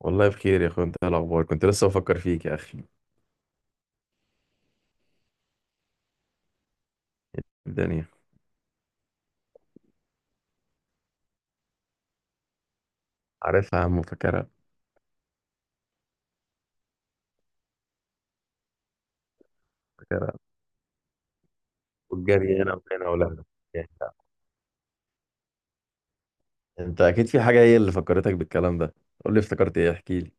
والله بخير يا اخويا. انت إيه الاخبار؟ كنت لسه بفكر فيك يا اخي. الدنيا. عارفها يا عم، فاكرها. فاكرها. والجري هنا وهنا ولا هنا. انت اكيد في حاجه هي اللي فكرتك بالكلام ده. قول لي افتكرت ايه، احكي لي.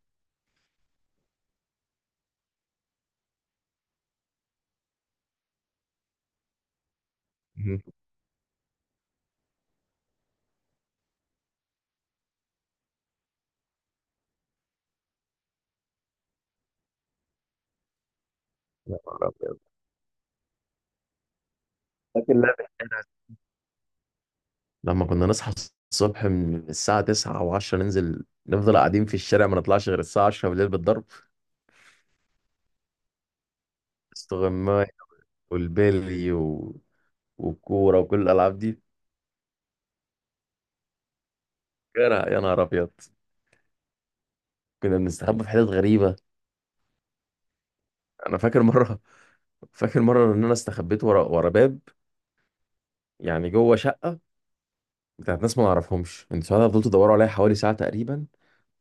مهم. يا نهار أبيض. فاكر لعبة إيه؟ لما كنا نصحى الصبح من الساعه 9 و10 ننزل نفضل قاعدين في الشارع، ما نطلعش غير الساعه 10 بالليل بالضرب. استغماية. والبيلي والكوره وكل الالعاب دي. فاكرها، يا نهار ابيض. كنا بنستخبى في حتت غريبه. انا فاكر مره. فاكر مره ان انا استخبيت ورا باب، يعني جوه شقه بتاعت ناس ما نعرفهمش. انتوا ساعتها فضلتوا تدوروا عليا حوالي ساعه تقريبا،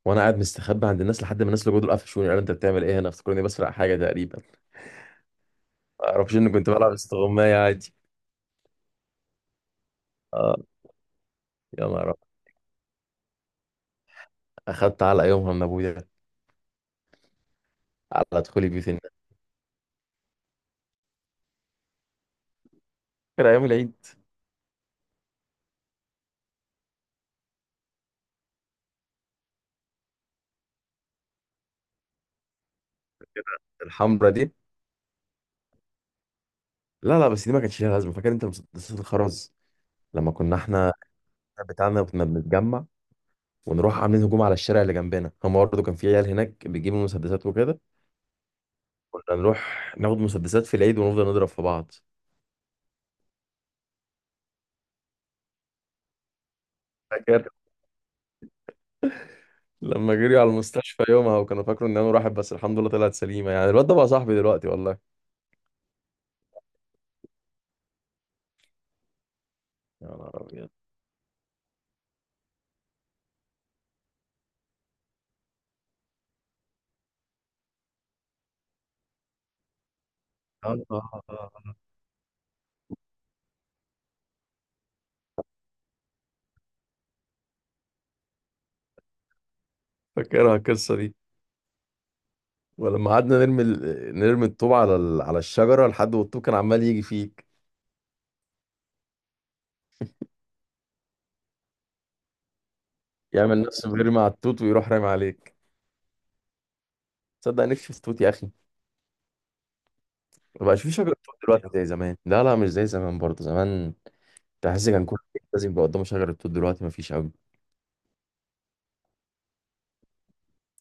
وانا قاعد مستخبي عند الناس لحد ما الناس اللي جوه دول قفشوني، قالوا انت بتعمل ايه هنا، افتكروني بسرق حاجه تقريبا. ما اعرفش اني كنت بلعب استغمايه عادي. اه. يا نهار أبيض. اخدت على يومها من ابويا على دخولي بيوت الناس. فاكر ايام العيد. الحمرا دي. لا لا، بس دي ما كانش ليها لازمه. فاكر انت مسدسات الخرز؟ لما كنا احنا بتاعنا كنا بنتجمع ونروح عاملين هجوم على الشارع اللي جنبنا، هم برضه كان في عيال هناك بيجيبوا مسدسات وكده. كنا نروح ناخد مسدسات في العيد ونفضل نضرب في بعض. فاكر لما جريوا على المستشفى يومها، وكانوا فاكروا ان انا راحت، بس الحمد لله طلعت سليمه. يعني الواد ده بقى صاحبي دلوقتي والله. يا نهار ابيض. آه، آه، آه، آه. فاكرها القصه دي. ولما قعدنا نرمي نرمي الطوب على على الشجره لحد والطوب كان عمال يجي فيك. يعمل نفسه بيرمي على التوت، ويروح رامي عليك. تصدق نفسي في التوت يا اخي؟ ما بقاش في شجره توت دلوقتي زي زمان. لا لا، مش زي زمان برضه زمان. تحس كان كل واحد لازم يبقى قدامه شجرة توت، دلوقتي مفيش قوي.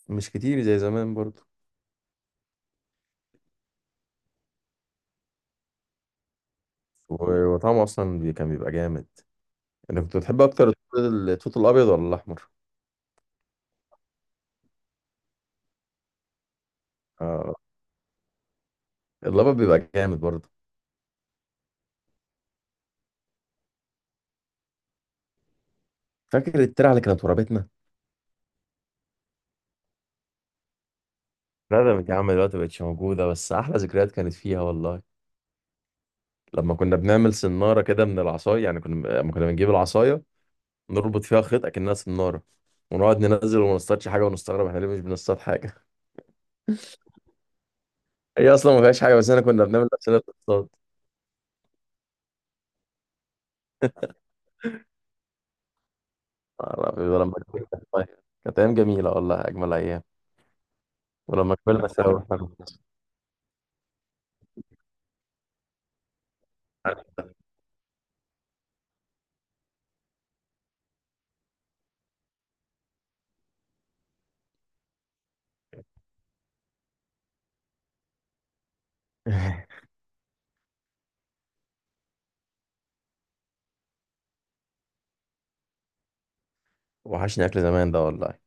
مش كتير زي زمان برضه. وطعمه اصلا كان بيبقى جامد. انا كنت بتحب اكتر التوت. التوت الابيض ولا الاحمر؟ آه. الابيض بيبقى جامد برضه. فاكر الترعه اللي كانت ورابتنا. ندمت يا عم، دلوقتي مبقتش موجوده، بس احلى ذكريات كانت فيها والله. لما كنا بنعمل سناره كده من العصايه، يعني لما كنا بنجيب العصايه نربط فيها خيط اكنها سناره، ونقعد ننزل وما نصطادش حاجه، ونستغرب احنا ليه مش بنصطاد حاجه. هي اصلا ما فيهاش حاجه، بس انا كنا بنعمل نفسنا بنصطاد. آه، لا، ولما كبرنا. طيب. كانت أيام جميلة والله، أجمل أيام. ولما كبرنا سوا إحنا كنا صغار. وحشني أكل زمان ده والله.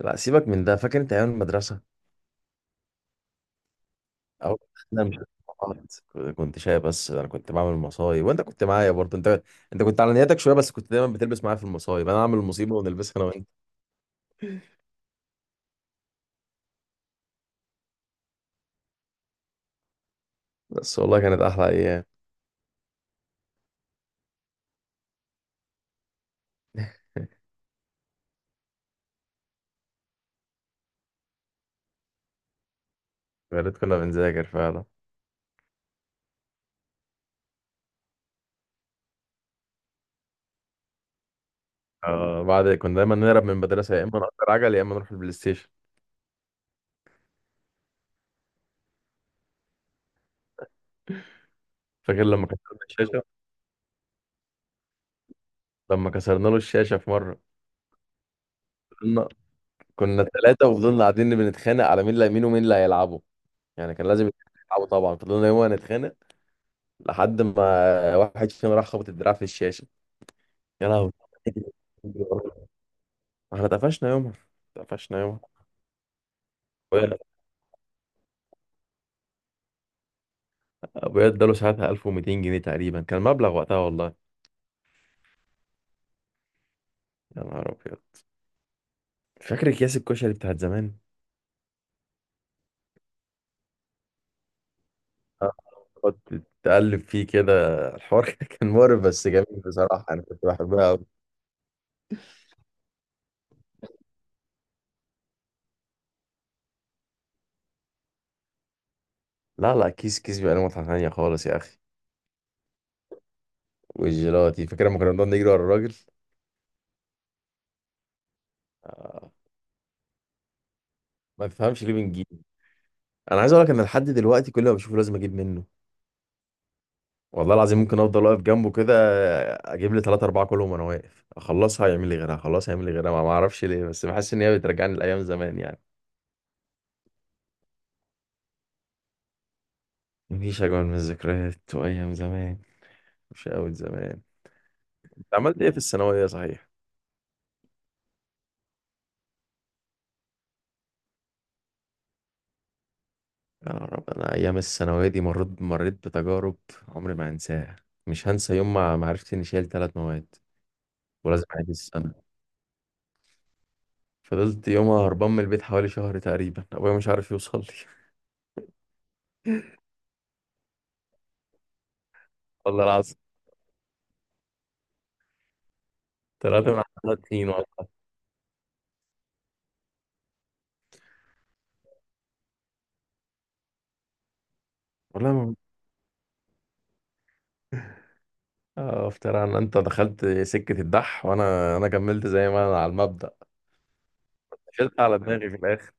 لا، سيبك من ده. فاكر أنت أيام المدرسة؟ أو أنا مش كنت شايف، بس أنا كنت بعمل مصايب، وأنت كنت معايا برضه أنت. أنت كنت على نياتك شوية، بس كنت دايما بتلبس معايا في المصايب. أنا أعمل المصيبة ونلبسها أنا وأنت. بس والله كانت أحلى أيام. يا ريت كنا بنذاكر فعلا. آه، بعد كنا دايما نهرب من المدرسة، يا إما نأجر عجل يا إما نروح البلاي ستيشن. فاكر لما كسرنا الشاشة؟ لما كسرنا له الشاشة في مرة. كنا ثلاثة وفضلنا قاعدين بنتخانق على مين اللي مين ومين اللي هيلعبوا. يعني كان لازم يلعبوا طبعا. فضلنا يوم نتخانق لحد ما واحد فينا راح خبط الدراع في الشاشة. يا لهوي. احنا اتقفشنا يومها، اتقفشنا يومها. ابويا ابويا اداله ساعتها 1200 جنيه تقريبا، كان مبلغ وقتها والله. يا نهار ابيض. فاكر اكياس الكشري بتاعت زمان. تقعد تقلب فيه كده. الحوار كان مقرف بس جميل بصراحة. انا كنت بحبها أوي. لا لا، كيس كيس بيبقى له متعة تانية خالص يا اخي. والجيلاتي، فاكر لما كنا بنقعد نجري ورا الراجل؟ آه. ما تفهمش ليه بنجيب. انا عايز اقول لك ان لحد دلوقتي كل ما بشوفه لازم اجيب منه. والله العظيم ممكن افضل واقف جنبه كده. اجيب لي ثلاثة أربعة كلهم وانا واقف، اخلصها يعمل لي غيرها، اخلصها يعمل لي غيرها. ما اعرفش ليه، بس بحس ان هي بترجعني لايام زمان يعني. مفيش اجمل من الذكريات وايام زمان، وشقاوة زمان. انت عملت ايه في الثانوية صحيح؟ يا رب. انا ايام الثانوية دي مريت بتجارب عمري ما هنساها. مش هنسى يوم ما عرفت اني شايل ثلاث مواد ولازم اعيد السنة. فضلت يومها هربان من البيت حوالي شهر تقريبا، ابويا مش عارف يوصل لي. والله العظيم. طلعت من على طين والله. والله ما. آه، افترى ان انت دخلت سكة الدح، وانا انا كملت زي ما انا على المبدأ. شلت على دماغي في الاخر.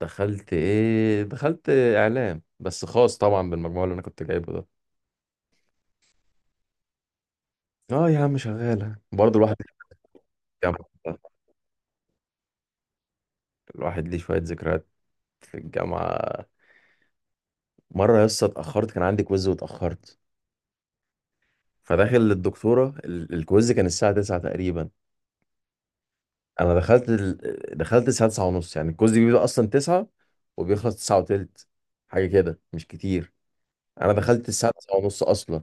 دخلت ايه؟ دخلت اعلام، بس خاص طبعا بالمجموع اللي انا كنت جايبه ده. اه يا عم، شغالة برضه الواحد في الجامعة. الواحد ليه شوية ذكريات في الجامعة. مرة يا اسطى اتأخرت، كان عندي كويز واتأخرت. فداخل للدكتورة، الكويز كان الساعة 9 تقريبا. انا دخلت دخلت الساعه 9 ونص. يعني الكوز بيبدأ اصلا 9 وبيخلص 9 وتلت، حاجه كده مش كتير. انا دخلت الساعه 9 ونص اصلا.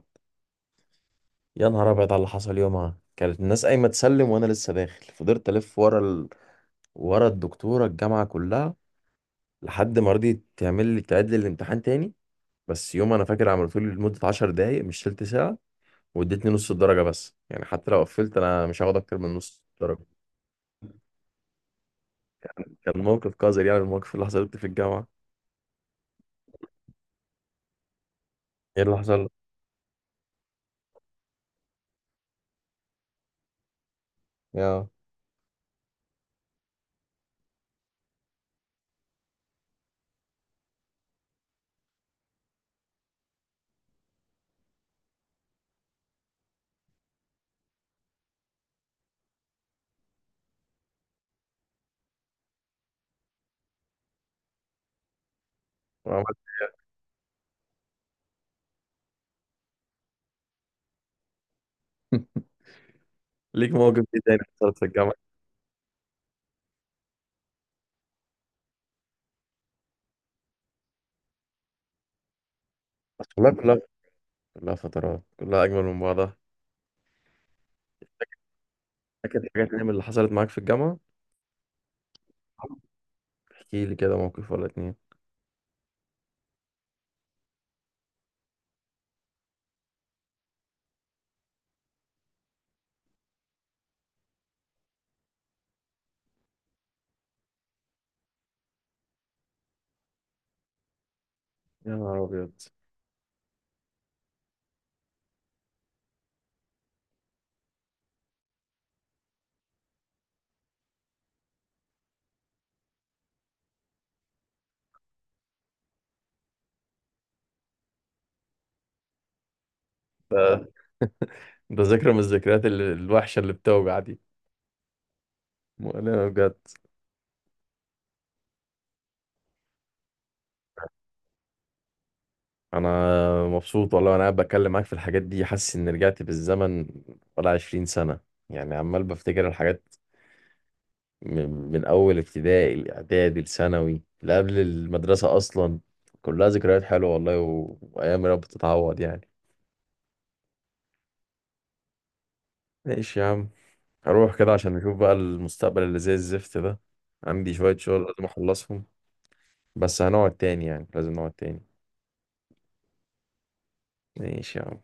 يا نهار ابيض على اللي حصل يومها. كانت الناس قايمه تسلم وانا لسه داخل. فضلت الف ورا ورا الدكتوره الجامعه كلها لحد ما رضيت تعمل لي تعيد لي الامتحان تاني. بس يوم انا فاكر عملته لي لمده 10 دقائق مش تلت ساعه، وادتني نص الدرجه بس. يعني حتى لو قفلت انا مش هاخد اكتر من نص الدرجه. كان موقف قذر يعني، الموقف اللي حصلت في الجامعه. ايه اللي حصل؟ يا وعملت- ليك مواقف ايه تاني حصلت في الجامعة؟ بس والله كلها فترات كلها أجمل من بعضها. فاكر حاجات تانية من اللي حصلت معاك في الجامعة. احكي لي كده موقف ولا اتنين. يا نهار أبيض. ده ده ذكرى من الذكريات الوحشة اللي بتوجع دي. مؤلمة بجد. أنا مبسوط والله. وأنا قاعد بتكلم معاك في الحاجات دي، حاسس إن رجعت بالزمن ولا 20 سنة يعني. عمال بفتكر الحاجات من اول ابتدائي، الاعدادي، الثانوي، اللي قبل المدرسه اصلا. كلها ذكريات حلوه والله، وايام يا رب تتعوض يعني. ماشي يا عم. هروح كده عشان نشوف بقى المستقبل اللي زي الزفت ده. عندي شويه شغل لازم اخلصهم، بس هنقعد تاني يعني. لازم نقعد تاني. ماشي يا عم.